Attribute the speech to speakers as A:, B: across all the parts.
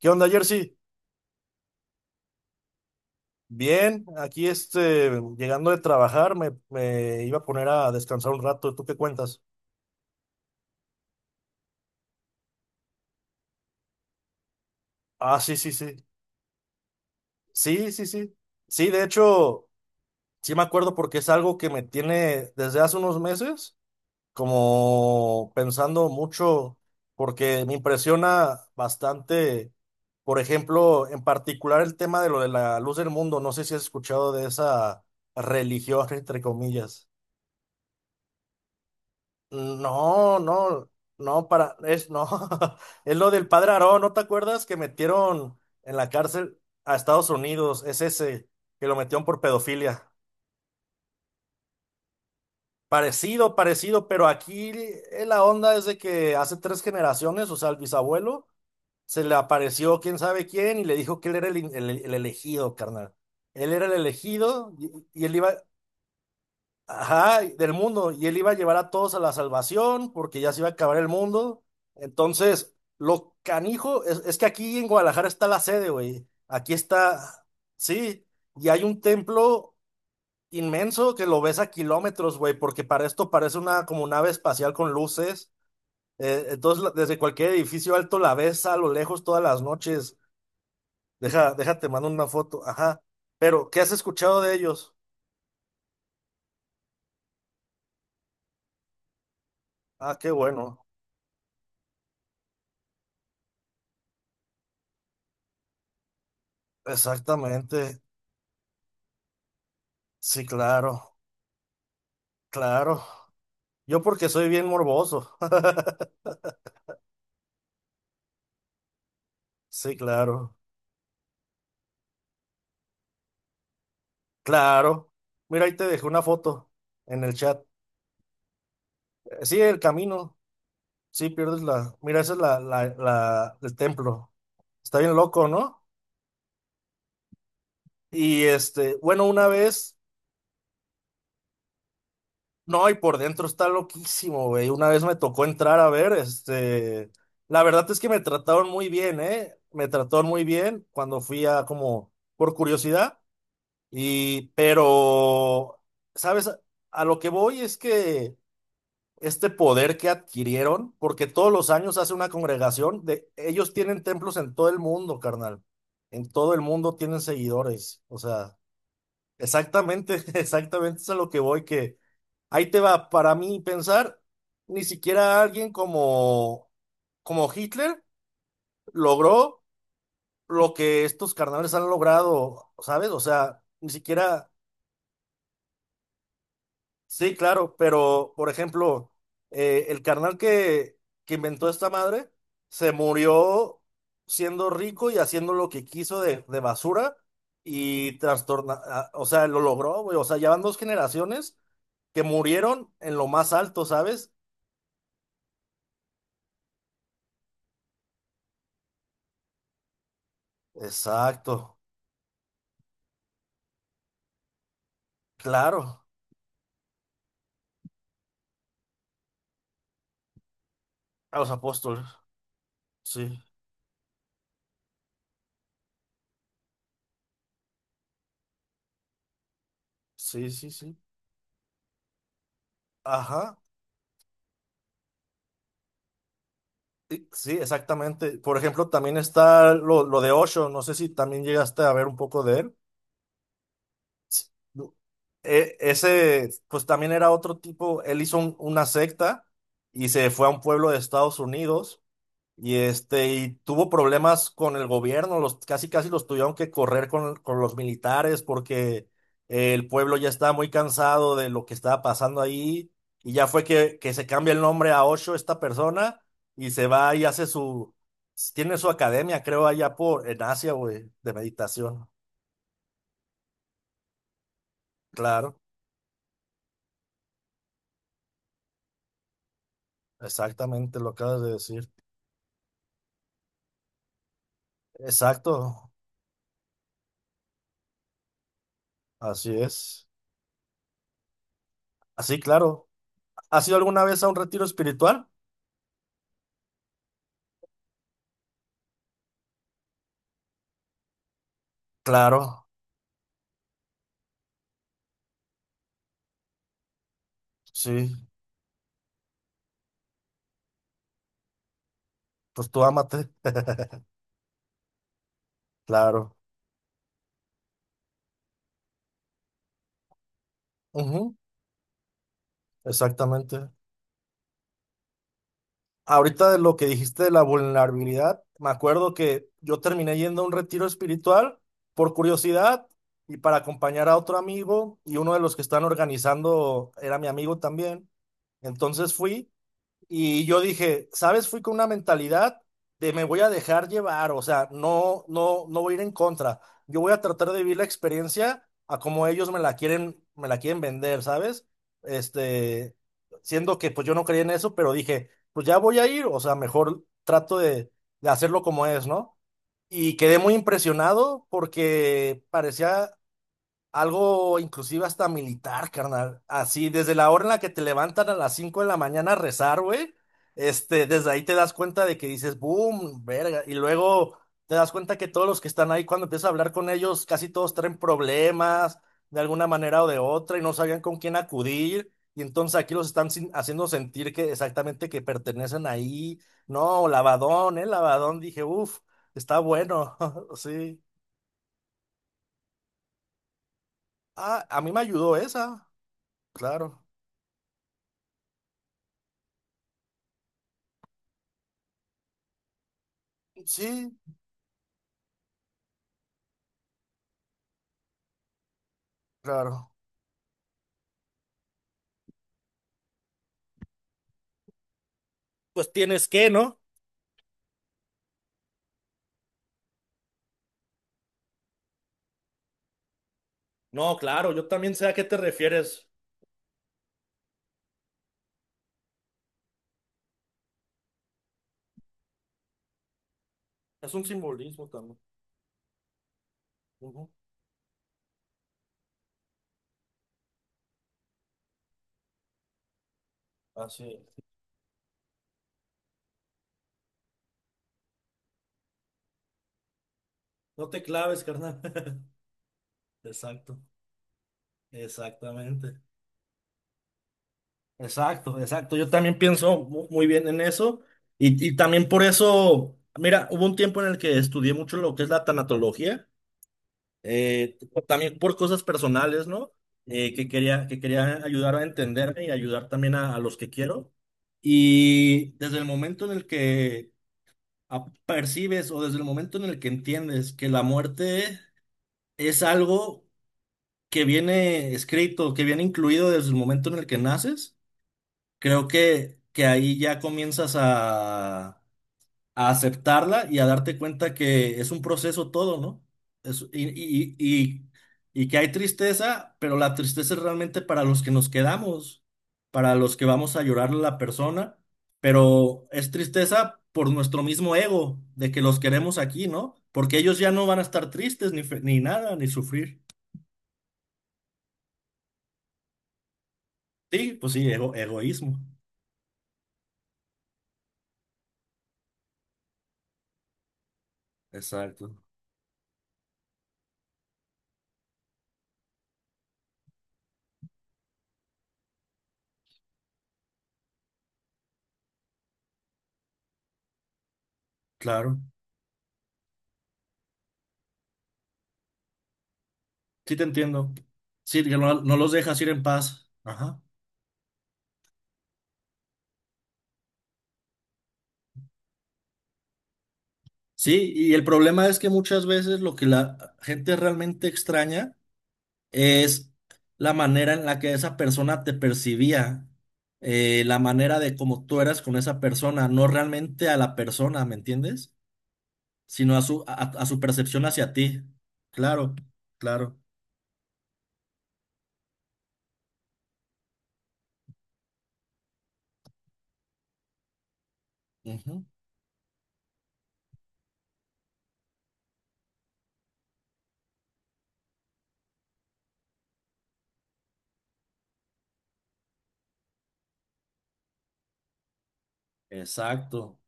A: ¿Qué onda, Jersey? Bien, aquí llegando de trabajar, me iba a poner a descansar un rato. ¿Tú qué cuentas? Ah, sí, sí, sí. Sí, sí, sí. Sí, de hecho, sí me acuerdo porque es algo que me tiene desde hace unos meses, como pensando mucho, porque me impresiona bastante, por ejemplo, en particular el tema de lo de la Luz del Mundo. No sé si has escuchado de esa religión, entre comillas. No, no, no, para, es, no, es lo del padre Aarón, ¿no te acuerdas que metieron en la cárcel a Estados Unidos? Es ese, que lo metieron por pedofilia. Parecido, parecido, pero aquí la onda es de que hace tres generaciones, o sea, el bisabuelo, se le apareció quién sabe quién y le dijo que él era el elegido, carnal. Él era el elegido y él iba. Ajá, del mundo. Y él iba a llevar a todos a la salvación porque ya se iba a acabar el mundo. Entonces, lo canijo es que aquí en Guadalajara está la sede, güey. Aquí está, sí. Y hay un templo inmenso que lo ves a kilómetros, güey, porque para esto parece una como nave espacial con luces. Entonces, la- desde cualquier edificio alto la ves a lo lejos todas las noches. Deja, déjate, mando una foto. Ajá. Pero, ¿qué has escuchado de ellos? Ah, qué bueno. Exactamente. Sí, claro, claro. Yo porque soy bien morboso. Sí, claro, claro. Mira, ahí te dejé una foto en el chat. Sí, el camino. Sí, pierdes la. Mira, esa es la, el templo. Está bien loco, ¿no? Y bueno, una vez, no, y por dentro está loquísimo, güey. Una vez me tocó entrar a ver, la verdad es que me trataron muy bien, ¿eh? Me trataron muy bien cuando fui a como, por curiosidad. Pero, ¿sabes? A lo que voy es que este poder que adquirieron, porque todos los años hace una congregación, de, ellos tienen templos en todo el mundo, carnal. En todo el mundo tienen seguidores. O sea, exactamente, exactamente es a lo que voy, que ahí te va, para mí pensar, ni siquiera alguien como, como Hitler logró lo que estos carnales han logrado, ¿sabes? O sea, ni siquiera... Sí, claro, pero por ejemplo, el carnal que inventó esta madre se murió siendo rico y haciendo lo que quiso de basura y trastorna, a- o sea, lo logró, güey, o sea, ya van dos generaciones que murieron en lo más alto, ¿sabes? Exacto, claro, a los apóstoles, sí, sí, sí, sí, ajá, sí, sí, exactamente. Por ejemplo, también está lo de Osho, no sé si también llegaste a ver un poco de él. Sí. Du- ese, pues también era otro tipo, él hizo una secta y se fue a un pueblo de Estados Unidos y y tuvo problemas con el gobierno, los, casi casi los tuvieron que correr con los militares porque el pueblo ya estaba muy cansado de lo que estaba pasando ahí y ya fue que se cambia el nombre a Osho, esta persona, y se va y hace su, tiene su academia, creo, allá por, en Asia, güey, de meditación, claro. Exactamente lo acabas de decir. Exacto, así es. Así, claro. ¿Has ido alguna vez a un retiro espiritual? Claro, sí, pues tú ámate. Claro, ujú, exactamente. Ahorita de lo que dijiste de la vulnerabilidad, me acuerdo que yo terminé yendo a un retiro espiritual por curiosidad y para acompañar a otro amigo y uno de los que están organizando era mi amigo también. Entonces fui. Y yo dije, ¿sabes? Fui con una mentalidad de me voy a dejar llevar, o sea, no, no, no voy a ir en contra. Yo voy a tratar de vivir la experiencia a como ellos me la quieren vender, ¿sabes? Este, siendo que pues yo no creía en eso, pero dije, pues ya voy a ir, o sea, mejor trato de hacerlo como es, ¿no? Y quedé muy impresionado porque parecía algo inclusive hasta militar, carnal. Así, desde la hora en la que te levantan a las 5 de la mañana a rezar, güey. Desde ahí te das cuenta de que dices, boom, verga. Y luego te das cuenta que todos los que están ahí, cuando empiezas a hablar con ellos, casi todos traen problemas de alguna manera o de otra y no sabían con quién acudir. Y entonces aquí los están sin- haciendo sentir que exactamente que pertenecen ahí. No, lavadón, ¿eh? Lavadón. Dije, uff, está bueno. Sí. Ah, a mí me ayudó esa, claro. Sí, claro. Pues tienes que, ¿no? No, claro, yo también sé a qué te refieres. Es un simbolismo también. Ujú. Así es. No te claves, carnal. Exacto, exactamente. Exacto, exacto. Yo también pienso muy bien en eso. Y también por eso, mira, hubo un tiempo en el que estudié mucho lo que es la tanatología. eh, también por cosas personales, ¿no? Que quería ayudar a entenderme y ayudar también a los que quiero. Y desde el momento en el que a- percibes o desde el momento en el que entiendes que la muerte es algo que viene escrito, que viene incluido desde el momento en el que naces, creo que ahí ya comienzas a aceptarla y a darte cuenta que es un proceso todo, ¿no? Es- y que hay tristeza, pero la tristeza es realmente para los que nos quedamos, para los que vamos a llorarle a la persona, pero es tristeza por nuestro mismo ego, de que los queremos aquí, ¿no? Porque ellos ya no van a estar tristes ni, fe- ni nada, ni sufrir. Sí, pues sí, ego, egoísmo. Exacto. Claro. Sí te entiendo. Sí, que no, no los dejas ir en paz. Ajá. Sí, y el problema es que muchas veces lo que la gente realmente extraña es la manera en la que esa persona te percibía, la manera de cómo tú eras con esa persona, no realmente a la persona, ¿me entiendes? Sino a su, percepción hacia ti. Claro, claro. Ujú, exacto.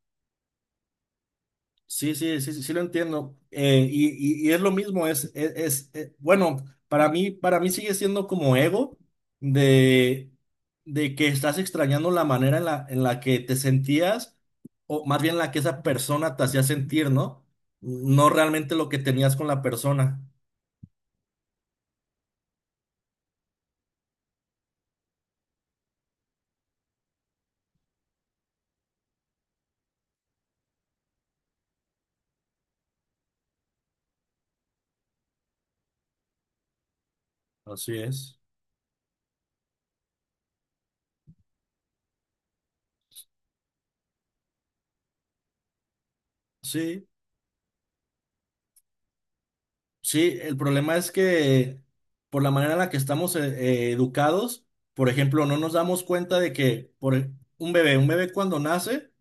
A: Sí, sí, sí, sí, sí lo entiendo. Y es lo mismo, bueno, para mí sigue siendo como ego de, de que estás extrañando la manera en la que te sentías, o más bien la que esa persona te hacía sentir, ¿no? No realmente lo que tenías con la persona. Así es. Sí, sí, el problema es que por la manera en la que estamos educados, por ejemplo, no nos damos cuenta de que por un bebé cuando nace.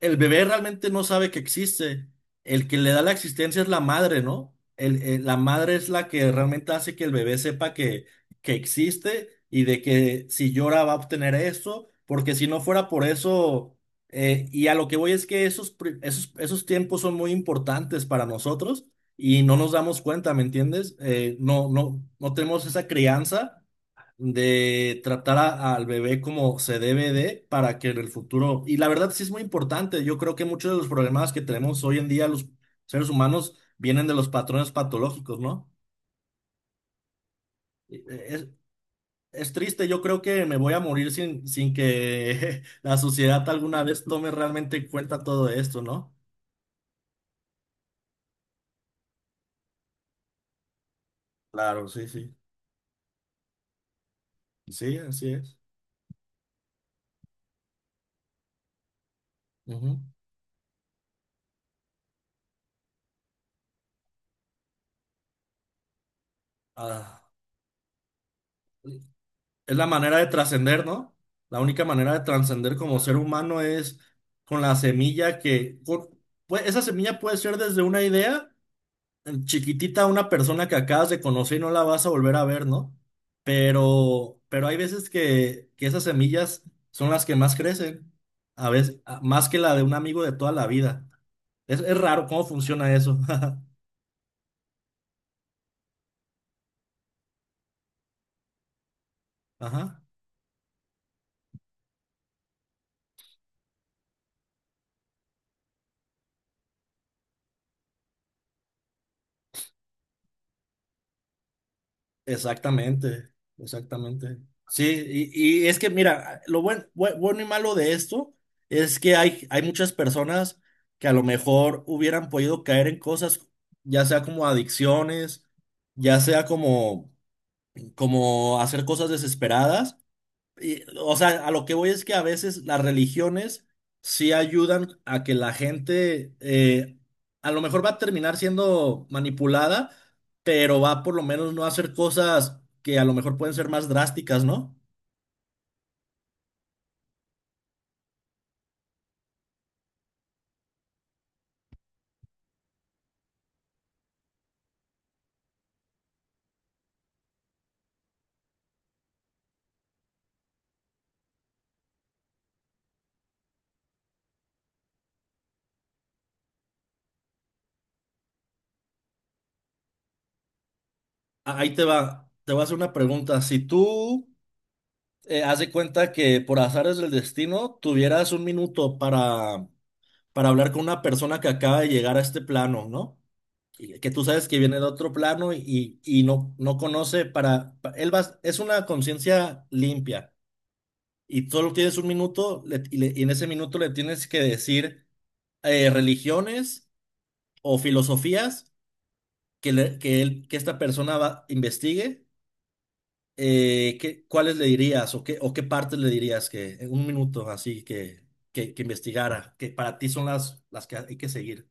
A: El bebé realmente no sabe que existe. El que le da la existencia es la madre, ¿no? La madre es la que realmente hace que el bebé sepa que existe y de que si llora va a obtener eso, porque si no fuera por eso, y a lo que voy es que esos tiempos son muy importantes para nosotros y no nos damos cuenta, ¿me entiendes? No, no, no tenemos esa crianza de tratar al bebé como se debe de para que en el futuro, y la verdad sí es muy importante, yo creo que muchos de los problemas que tenemos hoy en día los seres humanos vienen de los patrones patológicos, ¿no? E- Es, es triste, yo creo que me voy a morir sin que la sociedad alguna vez tome realmente en cuenta todo esto, ¿no? Claro, sí, sí. Sí, así es. Ujú. Ah, es la manera de trascender, ¿no? La única manera de trascender como ser humano es con la semilla que, con- pues, esa semilla puede ser desde una idea chiquitita a una persona que acabas de conocer y no la vas a volver a ver, ¿no? Pero hay veces que esas semillas son las que más crecen, a veces, a- más que la de un amigo de toda la vida. Es raro cómo funciona eso. Ajá. Exactamente, exactamente. Sí, y es que mira, lo bueno y malo de esto es que hay muchas personas que a lo mejor hubieran podido caer en cosas, ya sea como adicciones, ya sea como hacer cosas desesperadas, y, o sea, a lo que voy es que a veces las religiones sí ayudan a que la gente, a lo mejor va a terminar siendo manipulada, pero va por lo menos no a hacer cosas que a lo mejor pueden ser más drásticas, ¿no? Ahí te va, te voy a hacer una pregunta. Si tú haz de cuenta que por azares del destino tuvieras un minuto para hablar con una persona que acaba de llegar a este plano, ¿no? Y que tú sabes que viene de otro plano y no conoce para, es una conciencia limpia y solo tienes un minuto y en ese minuto le tienes que decir religiones o filosofías que, le- que, él, que esta persona investigue, cuáles le dirías o qué partes le dirías que en un minuto así que investigara, que para ti son las que hay que seguir.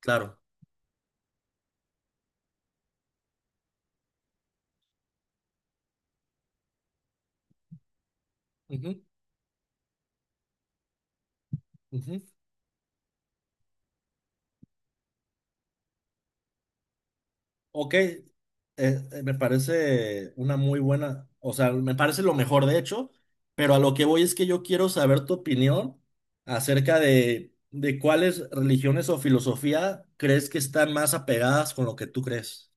A: Claro. Ujú, ujú. Ok, me parece una muy buena, o sea, me parece lo mejor de hecho, pero a lo que voy es que yo quiero saber tu opinión acerca de cuáles religiones o filosofía crees que están más apegadas con lo que tú crees.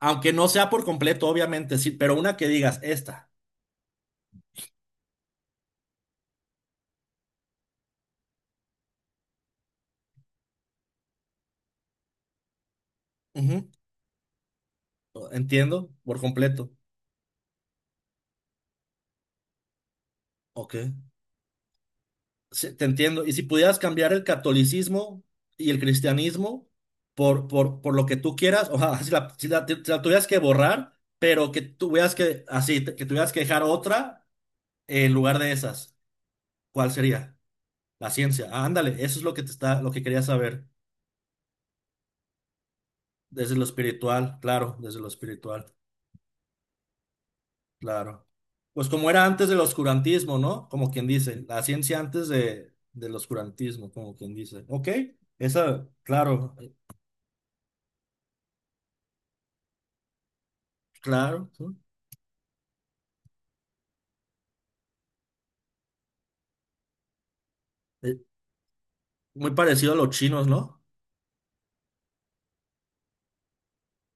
A: Aunque no sea por completo, obviamente, sí, pero una que digas, esta. Ujú. Entiendo, por completo. Ok. Sí, te entiendo. Y si pudieras cambiar el catolicismo y el cristianismo por por lo que tú quieras, o sea, si la tuvieras que borrar, pero que tuvieras que, así, que tuvieras que dejar otra en lugar de esas, ¿cuál sería? La ciencia. Ah, ándale, eso es lo que te está, lo que quería saber. Desde lo espiritual, claro, desde lo espiritual, claro. Pues como era antes del oscurantismo, ¿no? Como quien dice, la ciencia antes de, del oscurantismo, como quien dice. Ok, esa, claro, claro, sí. Eh, Muy parecido a los chinos, ¿no?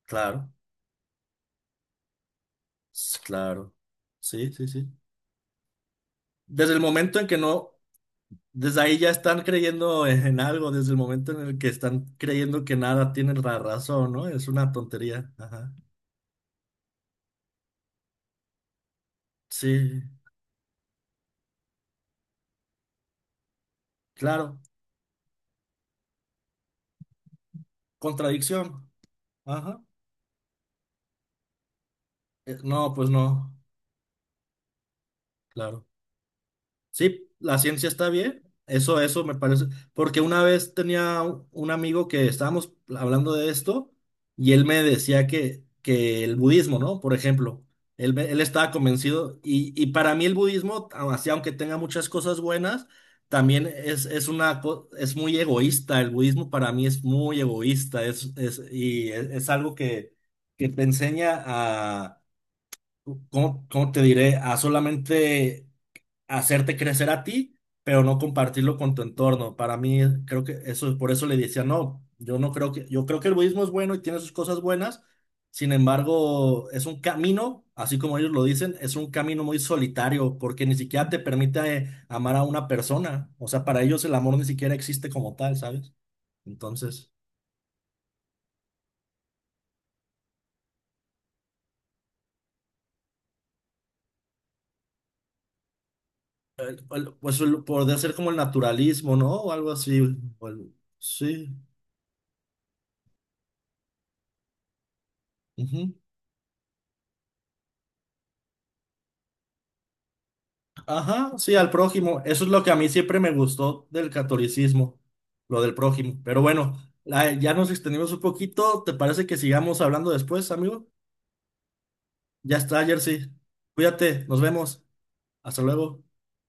A: Claro, claro. Sí, sí, sí. Desde el momento en que no, desde ahí ya están creyendo en algo, desde el momento en el que están creyendo que nada tienen la razón, ¿no? Es una tontería. Ajá. Sí, claro. Contradicción. Ajá. No, pues no. Claro. Sí, la ciencia está bien. Eso me parece. Porque una vez tenía un amigo que estábamos hablando de esto y él me decía que el budismo, ¿no? Por ejemplo, él estaba convencido y para mí el budismo, así aunque tenga muchas cosas buenas, también es muy egoísta. El budismo para mí es muy egoísta. Es algo que te enseña a, ¿cómo, cómo te diré? A solamente hacerte crecer a ti, pero no compartirlo con tu entorno. Para mí, creo que eso, por eso le decía, no, yo no creo yo creo que el budismo es bueno y tiene sus cosas buenas, sin embargo, es un camino, así como ellos lo dicen, es un camino muy solitario, porque ni siquiera te permite amar a una persona. O sea, para ellos el amor ni siquiera existe como tal, ¿sabes? Entonces, podría ser como el naturalismo, ¿no? O algo así. Sí. Ajá, sí, al prójimo. Eso es lo que a mí siempre me gustó del catolicismo, lo del prójimo. Pero bueno, ya nos extendimos un poquito. ¿Te parece que sigamos hablando después, amigo? Ya está, Jersey. Cuídate, nos vemos. Hasta luego.